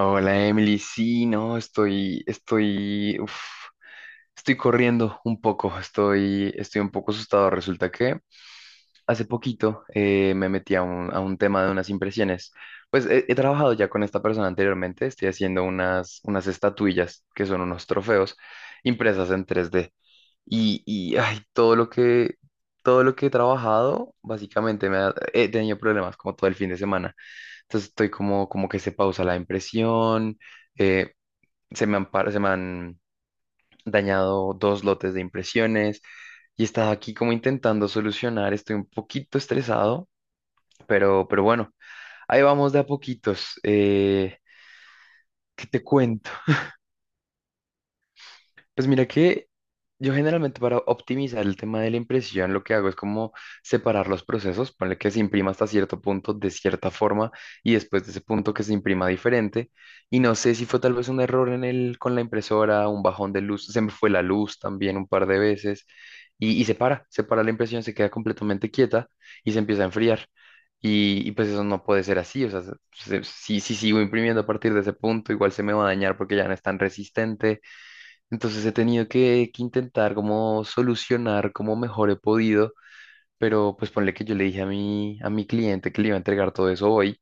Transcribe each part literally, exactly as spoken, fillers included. Hola Emily, sí, no, estoy, estoy, uf, estoy corriendo un poco, estoy, estoy un poco asustado. Resulta que hace poquito eh, me metí a un, a un tema de unas impresiones. Pues he, he trabajado ya con esta persona anteriormente, estoy haciendo unas, unas estatuillas que son unos trofeos impresas en tres d. Y, y ay, todo lo que, todo lo que he trabajado, básicamente me ha- he tenido problemas como todo el fin de semana. Entonces estoy como, como que se pausa la impresión, eh, se me han, par- se me han dañado dos lotes de impresiones y he estado aquí como intentando solucionar. Estoy un poquito estresado, pero, pero bueno, ahí vamos de a poquitos. Eh, ¿qué te cuento? Pues mira que yo generalmente para optimizar el tema de la impresión lo que hago es como separar los procesos, ponle que se imprima hasta cierto punto de cierta forma y después de ese punto que se imprima diferente. Y no sé si fue tal vez un error en el, con la impresora, un bajón de luz, se me fue la luz también un par de veces y, y se para, se para la impresión, se queda completamente quieta y se empieza a enfriar. Y, y pues eso no puede ser así, o sea, se- se- si, si sigo imprimiendo a partir de ese punto, igual se me va a dañar porque ya no es tan resistente, entonces he tenido que, que intentar como solucionar como mejor he podido, pero pues ponle que yo le dije a mi, a mi cliente que le iba a entregar todo eso hoy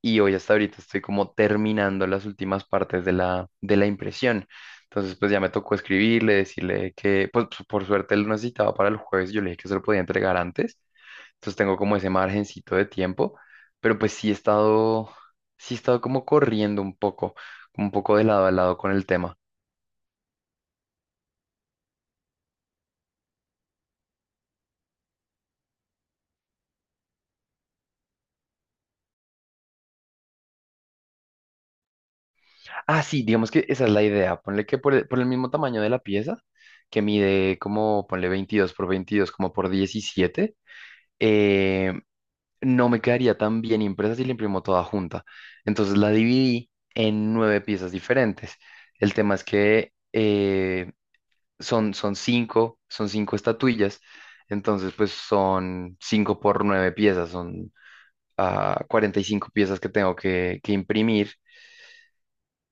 y hoy hasta ahorita estoy como terminando las últimas partes de la, de la impresión. Entonces pues ya me tocó escribirle, decirle que pues p- por suerte él lo necesitaba para el jueves, yo le dije que se lo podía entregar antes, entonces tengo como ese margencito de tiempo, pero pues sí he estado, sí he estado como corriendo un poco, un poco de lado a lado con el tema. Ah, sí, digamos que esa es la idea. Ponle que por el, por el mismo tamaño de la pieza, que mide como, ponle veintidós por veintidós, como por diecisiete, eh, no me quedaría tan bien impresa si la imprimo toda junta. Entonces la dividí en nueve piezas diferentes. El tema es que eh, son, son cinco, son cinco estatuillas, entonces pues son cinco por nueve piezas, son ah, cuarenta y cinco piezas que tengo que, que imprimir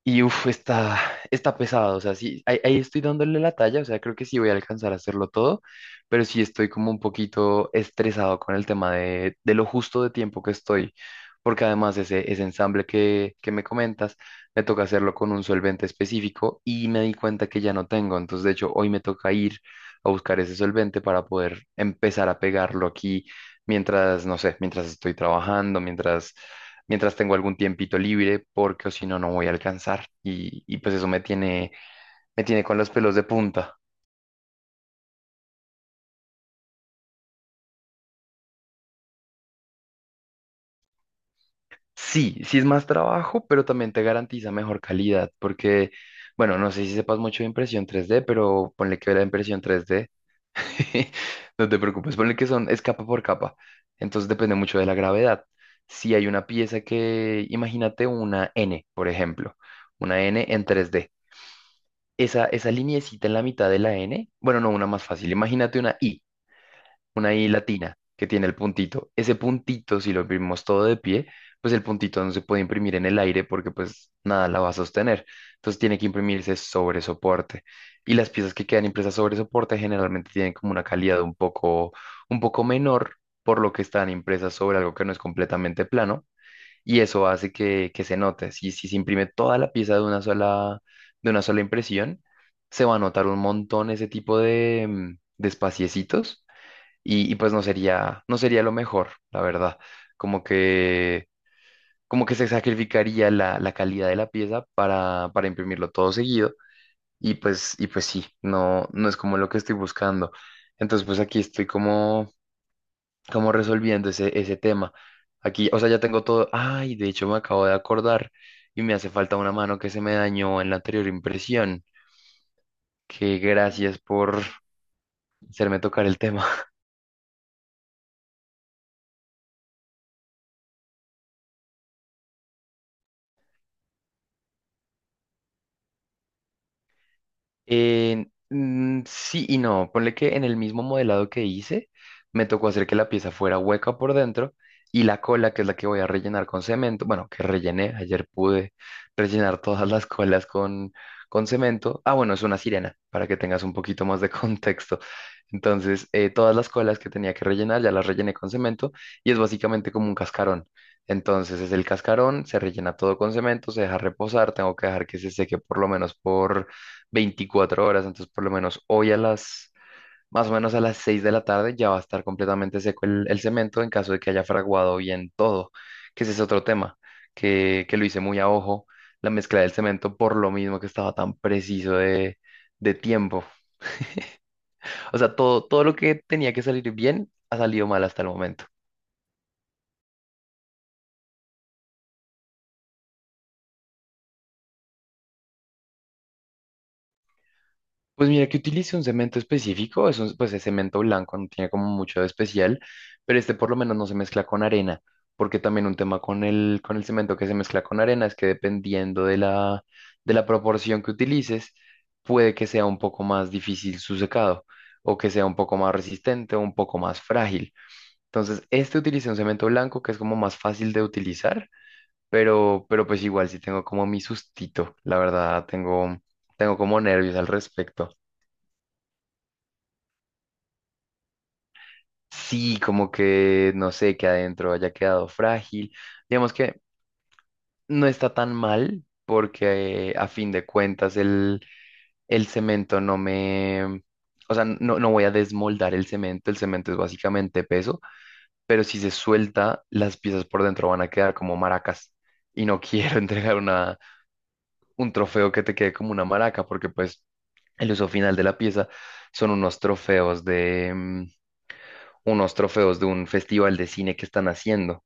y uff, está, está pesado, o sea, sí, ahí, ahí estoy dándole la talla, o sea, creo que sí voy a alcanzar a hacerlo todo, pero sí estoy como un poquito estresado con el tema de, de lo justo de tiempo que estoy, porque además ese, ese ensamble que, que me comentas, me toca hacerlo con un solvente específico y me di cuenta que ya no tengo, entonces de hecho hoy me toca ir a buscar ese solvente para poder empezar a pegarlo aquí mientras, no sé, mientras estoy trabajando, mientras mientras tengo algún tiempito libre, porque o si no, no voy a alcanzar. Y, y pues eso me tiene, me tiene con los pelos de punta. Sí, sí es más trabajo, pero también te garantiza mejor calidad, porque, bueno, no sé si sepas mucho de impresión tres D, pero ponle que la impresión tres D, no te preocupes, ponle que son, es capa por capa, entonces depende mucho de la gravedad. Si hay una pieza que, imagínate una N, por ejemplo, una N en tres D. esa, esa lineecita en la mitad de la N, bueno, no, una más fácil, imagínate una I, una I latina que tiene el puntito. Ese puntito, si lo imprimimos todo de pie, pues el puntito no se puede imprimir en el aire porque pues nada la va a sostener. Entonces tiene que imprimirse sobre soporte. Y las piezas que quedan impresas sobre soporte generalmente tienen como una calidad un poco, un poco menor, por lo que están impresas sobre algo que no es completamente plano y eso hace que, que se note. Si, si se imprime toda la pieza de una sola, de una sola impresión, se va a notar un montón ese tipo de, mm, de espaciecitos y, y pues no sería, no sería lo mejor, la verdad. Como que, como que se sacrificaría la, la calidad de la pieza para, para imprimirlo todo seguido y pues, y pues sí, no, no es como lo que estoy buscando. Entonces pues aquí estoy como como resolviendo ese, ese tema. Aquí, o sea, ya tengo todo. Ay, de hecho me acabo de acordar y me hace falta una mano que se me dañó en la anterior impresión. Que gracias por hacerme tocar el tema. Eh, mm, sí y no, ponle que en el mismo modelado que hice, me tocó hacer que la pieza fuera hueca por dentro y la cola, que es la que voy a rellenar con cemento, bueno, que rellené, ayer pude rellenar todas las colas con, con cemento. Ah, bueno, es una sirena, para que tengas un poquito más de contexto. Entonces, eh, todas las colas que tenía que rellenar ya las rellené con cemento y es básicamente como un cascarón. Entonces es el cascarón, se rellena todo con cemento, se deja reposar, tengo que dejar que se seque por lo menos por veinticuatro horas, entonces por lo menos hoy a las, más o menos a las seis de la tarde ya va a estar completamente seco el, el cemento en caso de que haya fraguado bien todo, que ese es otro tema, que, que lo hice muy a ojo, la mezcla del cemento por lo mismo que estaba tan preciso de, de tiempo. O sea, todo, todo lo que tenía que salir bien ha salido mal hasta el momento. Pues mira que utilice un cemento específico, es un- pues es cemento blanco, no tiene como mucho de especial, pero este por lo menos no se mezcla con arena, porque también un tema con el, con el cemento que se mezcla con arena es que dependiendo de la, de la proporción que utilices, puede que sea un poco más difícil su secado, o que sea un poco más resistente o un poco más frágil. Entonces, este utiliza un cemento blanco que es como más fácil de utilizar, pero, pero pues igual sí tengo como mi sustito, la verdad, tengo, tengo como nervios al respecto. Sí, como que no sé, que adentro haya quedado frágil. Digamos que no está tan mal porque eh, a fin de cuentas el, el cemento no me... O sea, no, no voy a desmoldar el cemento, el cemento es básicamente peso, pero si se suelta, las piezas por dentro van a quedar como maracas. Y no quiero entregar una, un trofeo que te quede como una maraca, porque pues el uso final de la pieza son unos trofeos de, mm, unos trofeos de un festival de cine que están haciendo.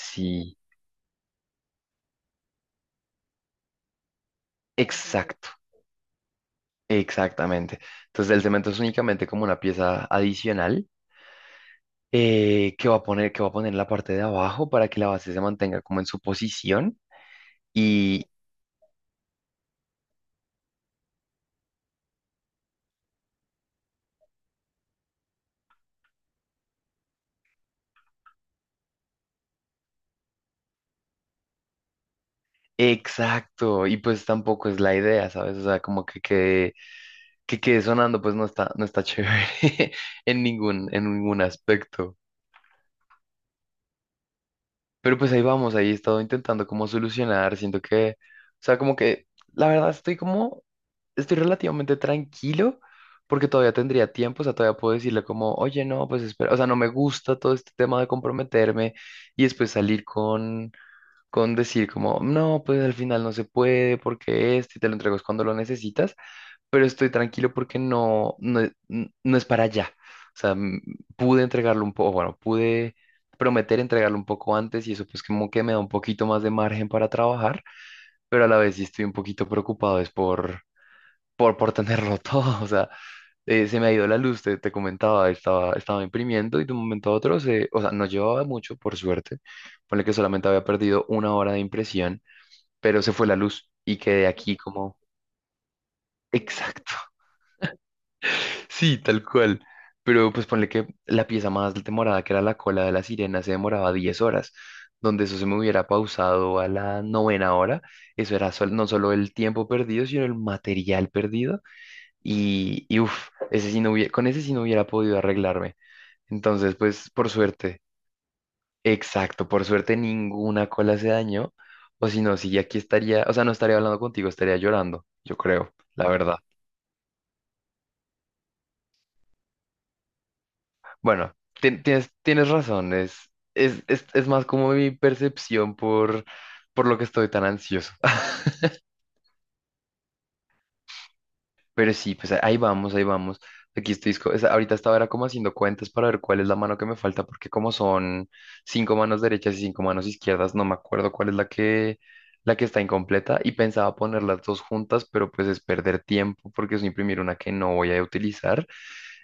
Sí, exacto, exactamente. Entonces el cemento es únicamente como una pieza adicional, eh, que va a poner, que va a poner en la parte de abajo para que la base se mantenga como en su posición. Y exacto, y pues tampoco es la idea, ¿sabes? O sea, como que quede, que quede sonando, pues no está, no está chévere en ningún, en ningún aspecto. Pero pues ahí vamos, ahí he estado intentando como solucionar, siento que, o sea, como que la verdad estoy como, estoy relativamente tranquilo porque todavía tendría tiempo, o sea, todavía puedo decirle como, oye, no, pues espera, o sea, no me gusta todo este tema de comprometerme y después salir con, con decir como, no, pues al final no se puede porque esto y te lo entregas cuando lo necesitas, pero estoy tranquilo porque no, no, e- n- no es para allá. O sea, m- pude entregarlo un poco, bueno, pude prometer entregarlo un poco antes y eso pues como que me da un poquito más de margen para trabajar, pero a la vez sí estoy un poquito preocupado, es por, por, por tenerlo todo. O sea, eh, se me ha ido la luz, te, te comentaba, estaba, estaba imprimiendo y de un momento a otro, se, o sea, no llevaba mucho, por suerte, ponle que solamente había perdido una hora de impresión, pero se fue la luz y quedé aquí como... Exacto. Sí, tal cual. Pero pues ponle que la pieza más demorada, que era la cola de la sirena, se demoraba diez horas. Donde eso se me hubiera pausado a la novena hora, eso era sol- no solo el tiempo perdido, sino el material perdido. Y, y uff, ese sí no hubie- con ese sí no hubiera podido arreglarme. Entonces, pues por suerte, exacto, por suerte ninguna cola se dañó. O si no, sí, aquí estaría, o sea, no estaría hablando contigo, estaría llorando, yo creo, la verdad. Bueno, tien- tienes, tienes razón, es, es, es, es más como mi percepción por, por lo que estoy tan ansioso. Pero sí, pues ahí vamos, ahí vamos. Aquí estoy, esco- es- ahorita estaba era como haciendo cuentas para ver cuál es la mano que me falta, porque como son cinco manos derechas y cinco manos izquierdas, no me acuerdo cuál es la que, la que está incompleta y pensaba poner las dos juntas, pero pues es perder tiempo porque es imprimir una que no voy a utilizar.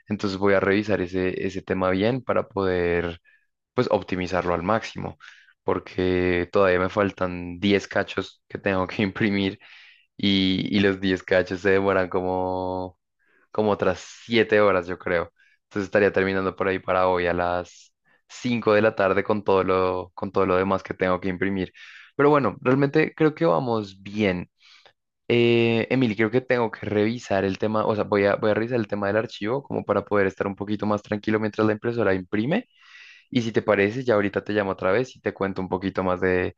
Entonces voy a revisar ese, ese tema bien para poder pues optimizarlo al máximo, porque todavía me faltan diez cachos que tengo que imprimir y, y los diez cachos se demoran como, como otras siete horas, yo creo. Entonces estaría terminando por ahí para hoy a las cinco de la tarde con todo lo, con todo lo demás que tengo que imprimir. Pero bueno, realmente creo que vamos bien. Eh, Emily, creo que tengo que revisar el tema, o sea, voy a, voy a revisar el tema del archivo como para poder estar un poquito más tranquilo mientras la impresora imprime. Y si te parece, ya ahorita te llamo otra vez y te cuento un poquito más de,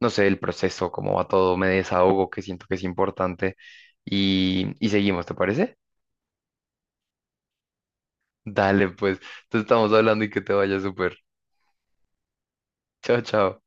no sé, el proceso, cómo va todo, me desahogo, que siento que es importante y, y seguimos, ¿te parece? Dale, pues, te estamos hablando y que te vaya súper. Chao, chao.